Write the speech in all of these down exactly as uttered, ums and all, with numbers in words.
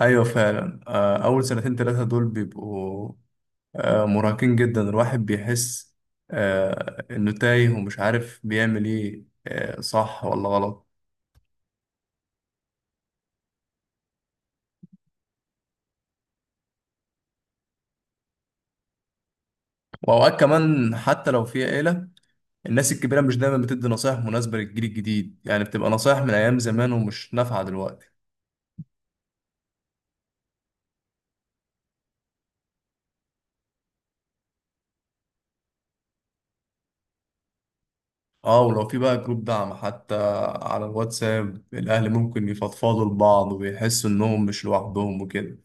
ايوه، فعلا، آه، اول سنتين ثلاثه دول بيبقوا آه، مرهقين جدا. الواحد بيحس آه، انه تايه ومش عارف بيعمل ايه، آه، صح ولا غلط. واوقات كمان حتى لو في عيله، الناس الكبيره مش دايما بتدي نصايح مناسبه للجيل الجديد، يعني بتبقى نصايح من ايام زمان ومش نافعه دلوقتي. اه، ولو في بقى جروب دعم حتى على الواتساب، الاهل ممكن يفضفضوا لبعض ويحسوا انهم مش لوحدهم وكده.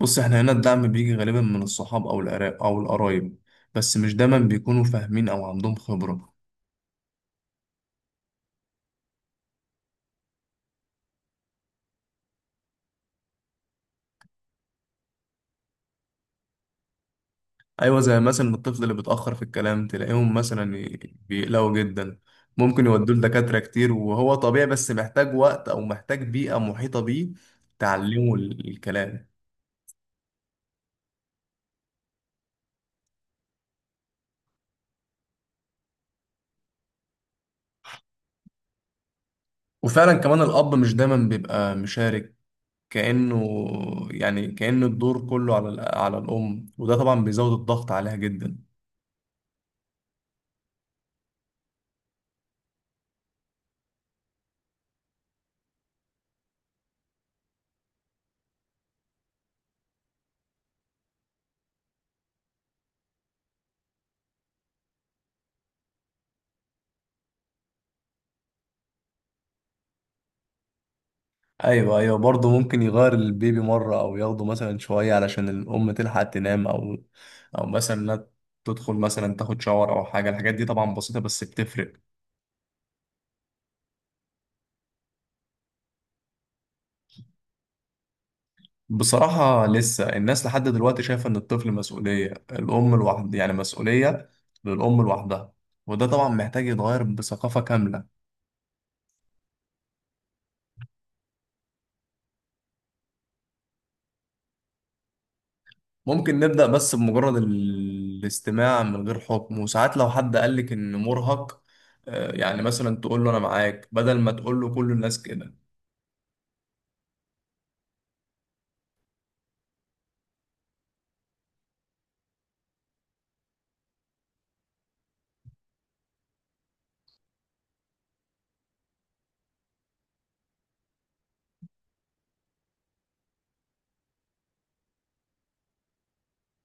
بص، احنا هنا الدعم بيجي غالبا من الصحاب او العراق او القرايب، بس مش دايما بيكونوا فاهمين او عندهم خبرة. ايوه، زي مثلا الطفل اللي بيتأخر في الكلام تلاقيهم مثلا ي- بيقلقوا جدا. ممكن يودوه لدكاترة كتير وهو طبيعي، بس محتاج وقت او محتاج بيئة محيطة بيه تعلمه ال- الكلام. وفعلا كمان الاب مش دايما بيبقى مشارك، كأنه يعني كأن الدور كله على ال- على الام، وده طبعا بيزود الضغط عليها جدا. ايوه ايوه، برضه ممكن يغير البيبي مره او ياخده مثلا شويه علشان الام تلحق تنام، او او مثلا إنها تدخل مثلا تاخد شاور او حاجه. الحاجات دي طبعا بسيطه بس بتفرق. بصراحه لسه الناس لحد دلوقتي شايفه ان الطفل مسؤوليه الام لوحدها، يعني مسؤوليه للام لوحدها. وده طبعا محتاج يتغير بثقافه كامله. ممكن نبدا بس بمجرد ال- الاستماع من غير حكم. وساعات لو حد قالك ان مرهق، آه، يعني مثلا تقول له انا معاك، بدل ما تقول له كل الناس كده.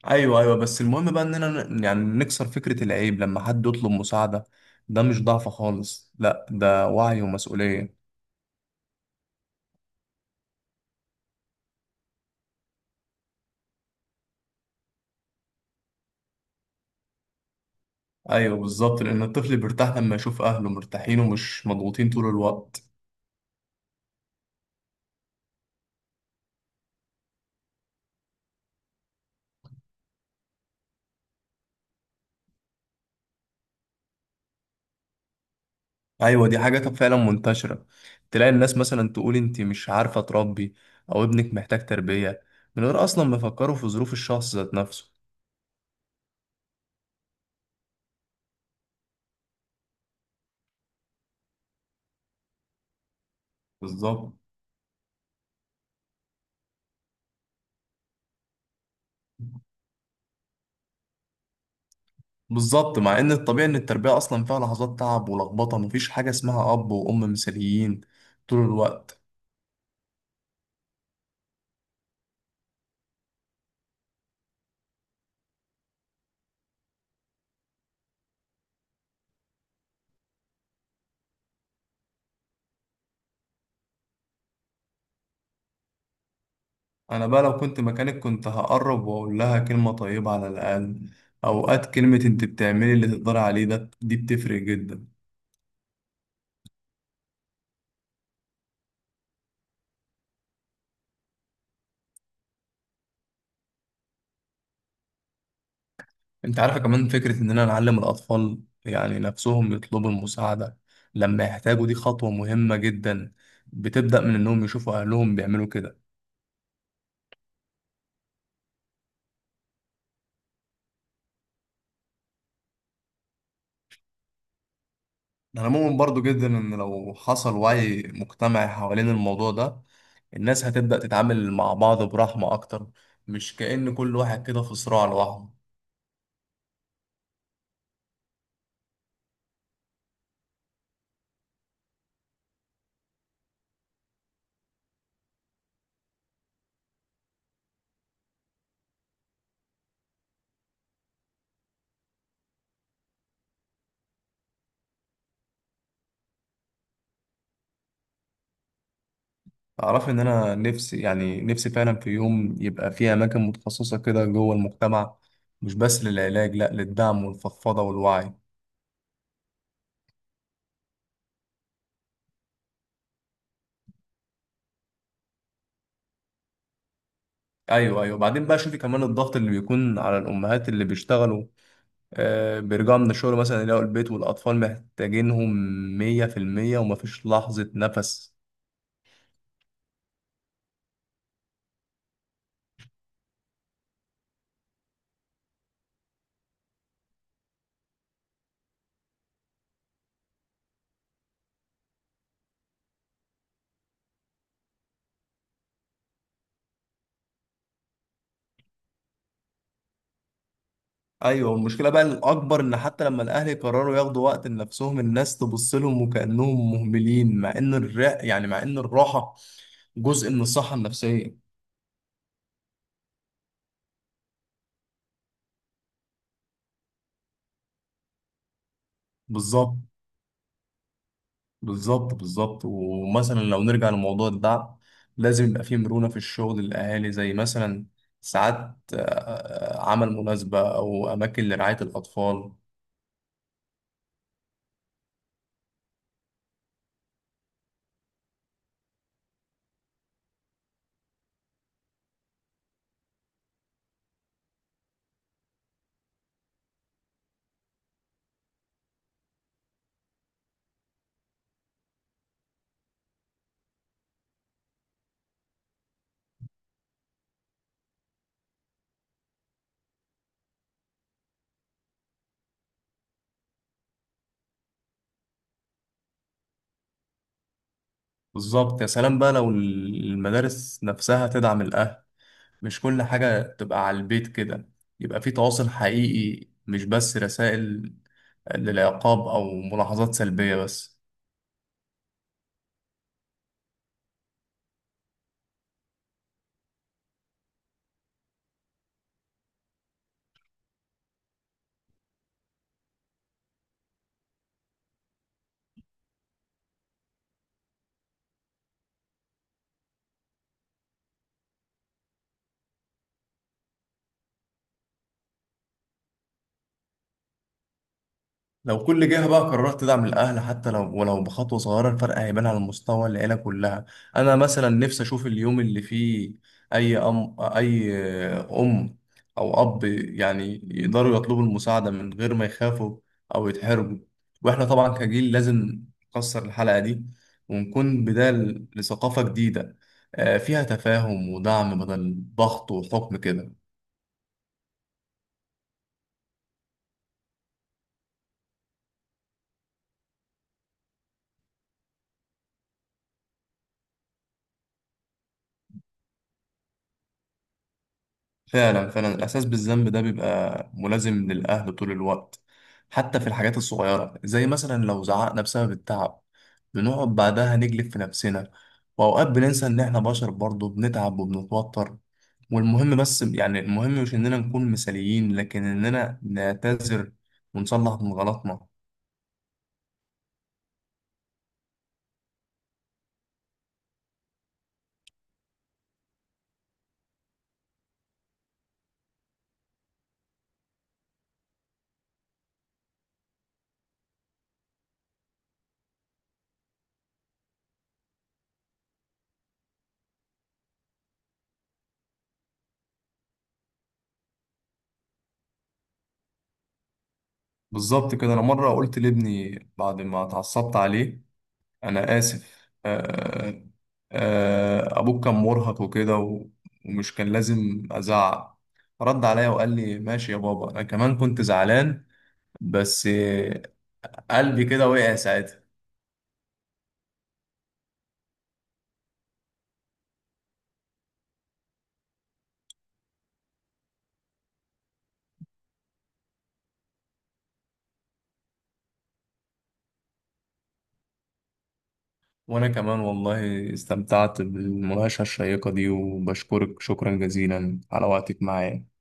ايوه ايوه، بس المهم بقى اننا ن- يعني نكسر فكرة العيب لما حد يطلب مساعدة. ده مش ضعف خالص، لا، ده وعي ومسؤولية. ايوه بالظبط، لان الطفل بيرتاح لما يشوف اهله مرتاحين ومش مضغوطين طول الوقت. ايوه، دي حاجة فعلا منتشرة. تلاقي الناس مثلا تقول انت مش عارفة تربي، او ابنك محتاج تربية، من غير اصلا ما يفكروا في ظروف الشخص ذات نفسه. بالظبط بالظبط، مع ان الطبيعي ان التربية اصلا فيها لحظات تعب ولخبطة. مفيش حاجة اسمها اب وام مثاليين طول الوقت. انا بقى لو كنت مكانك كنت هقرب واقول لها كلمة طيبة على الاقل. اوقات كلمة انت بتعملي اللي تقدري عليه، ده دي بتفرق جدا. انت عارفة كمان فكرة اننا نعلم الاطفال يعني نفسهم يطلبوا المساعدة لما يحتاجوا، دي خطوة مهمة جدا. بتبدأ من انهم يشوفوا اهلهم بيعملوا كده. انا مؤمن برضو جدا ان لو حصل وعي مجتمعي حوالين الموضوع ده، الناس هتبدأ تتعامل مع بعض برحمة اكتر، مش كأن كل واحد كده في صراع لوحده. أعرف إن أنا نفسي يعني نفسي فعلا في يوم يبقى في أماكن متخصصة كده جوه المجتمع، مش بس للعلاج، لأ، للدعم والفضفضة والوعي. أيوه أيوه، بعدين بقى شوفي كمان الضغط اللي بيكون على الأمهات اللي بيشتغلوا. آه بيرجعوا من الشغل مثلا يلاقوا البيت والأطفال محتاجينهم مية في المية، ومفيش لحظة نفس. أيوه، المشكلة بقى الأكبر إن حتى لما الأهل يقرروا ياخدوا وقت لنفسهم الناس تبص لهم وكأنهم مهملين، مع إن الرق يعني مع إن الراحة جزء من الصحة النفسية. بالظبط. بالظبط بالظبط، ومثلا لو نرجع لموضوع الدعم، لازم يبقى فيه مرونة في الشغل للأهالي، زي مثلا ساعات آه، عمل مناسبة أو أماكن لرعاية الأطفال. بالظبط، يا سلام بقى لو المدارس نفسها تدعم الأهل، مش كل حاجة تبقى على البيت كده. يبقى فيه تواصل حقيقي، مش بس رسائل للعقاب أو ملاحظات سلبية بس. لو كل جهة بقى قررت تدعم الأهل، حتى لو ولو بخطوة صغيرة، الفرق هيبان على مستوى العيلة كلها. أنا مثلا نفسي أشوف اليوم اللي فيه أي أم أي أم أو أب يعني يقدروا يطلبوا المساعدة من غير ما يخافوا أو يتحرجوا. وإحنا طبعا كجيل لازم نكسر الحلقة دي، ونكون بداية لثقافة جديدة، آه، فيها تفاهم ودعم بدل ضغط وحكم كده. فعلا فعلا، الإحساس بالذنب ده بيبقى ملازم للأهل طول الوقت، حتى في الحاجات الصغيرة زي مثلا لو زعقنا بسبب التعب، بنقعد بعدها نجلد في نفسنا. وأوقات بننسى إن إحنا بشر برضه بنتعب وبنتوتر. والمهم بس يعني المهم مش إننا نكون مثاليين، لكن إننا نعتذر ونصلح من غلطنا. بالظبط كده. أنا مرة قلت لابني بعد ما اتعصبت عليه: أنا آسف، آه آه أبوك كان مرهق وكده، و- ومش كان لازم أزعق. رد عليا وقال لي ماشي يا بابا، أنا كمان كنت زعلان. بس آه، قلبي كده وقع ساعتها. وأنا كمان والله استمتعت بالمناقشة الشيقة دي، وبشكرك شكرا جزيلا على وقتك معايا.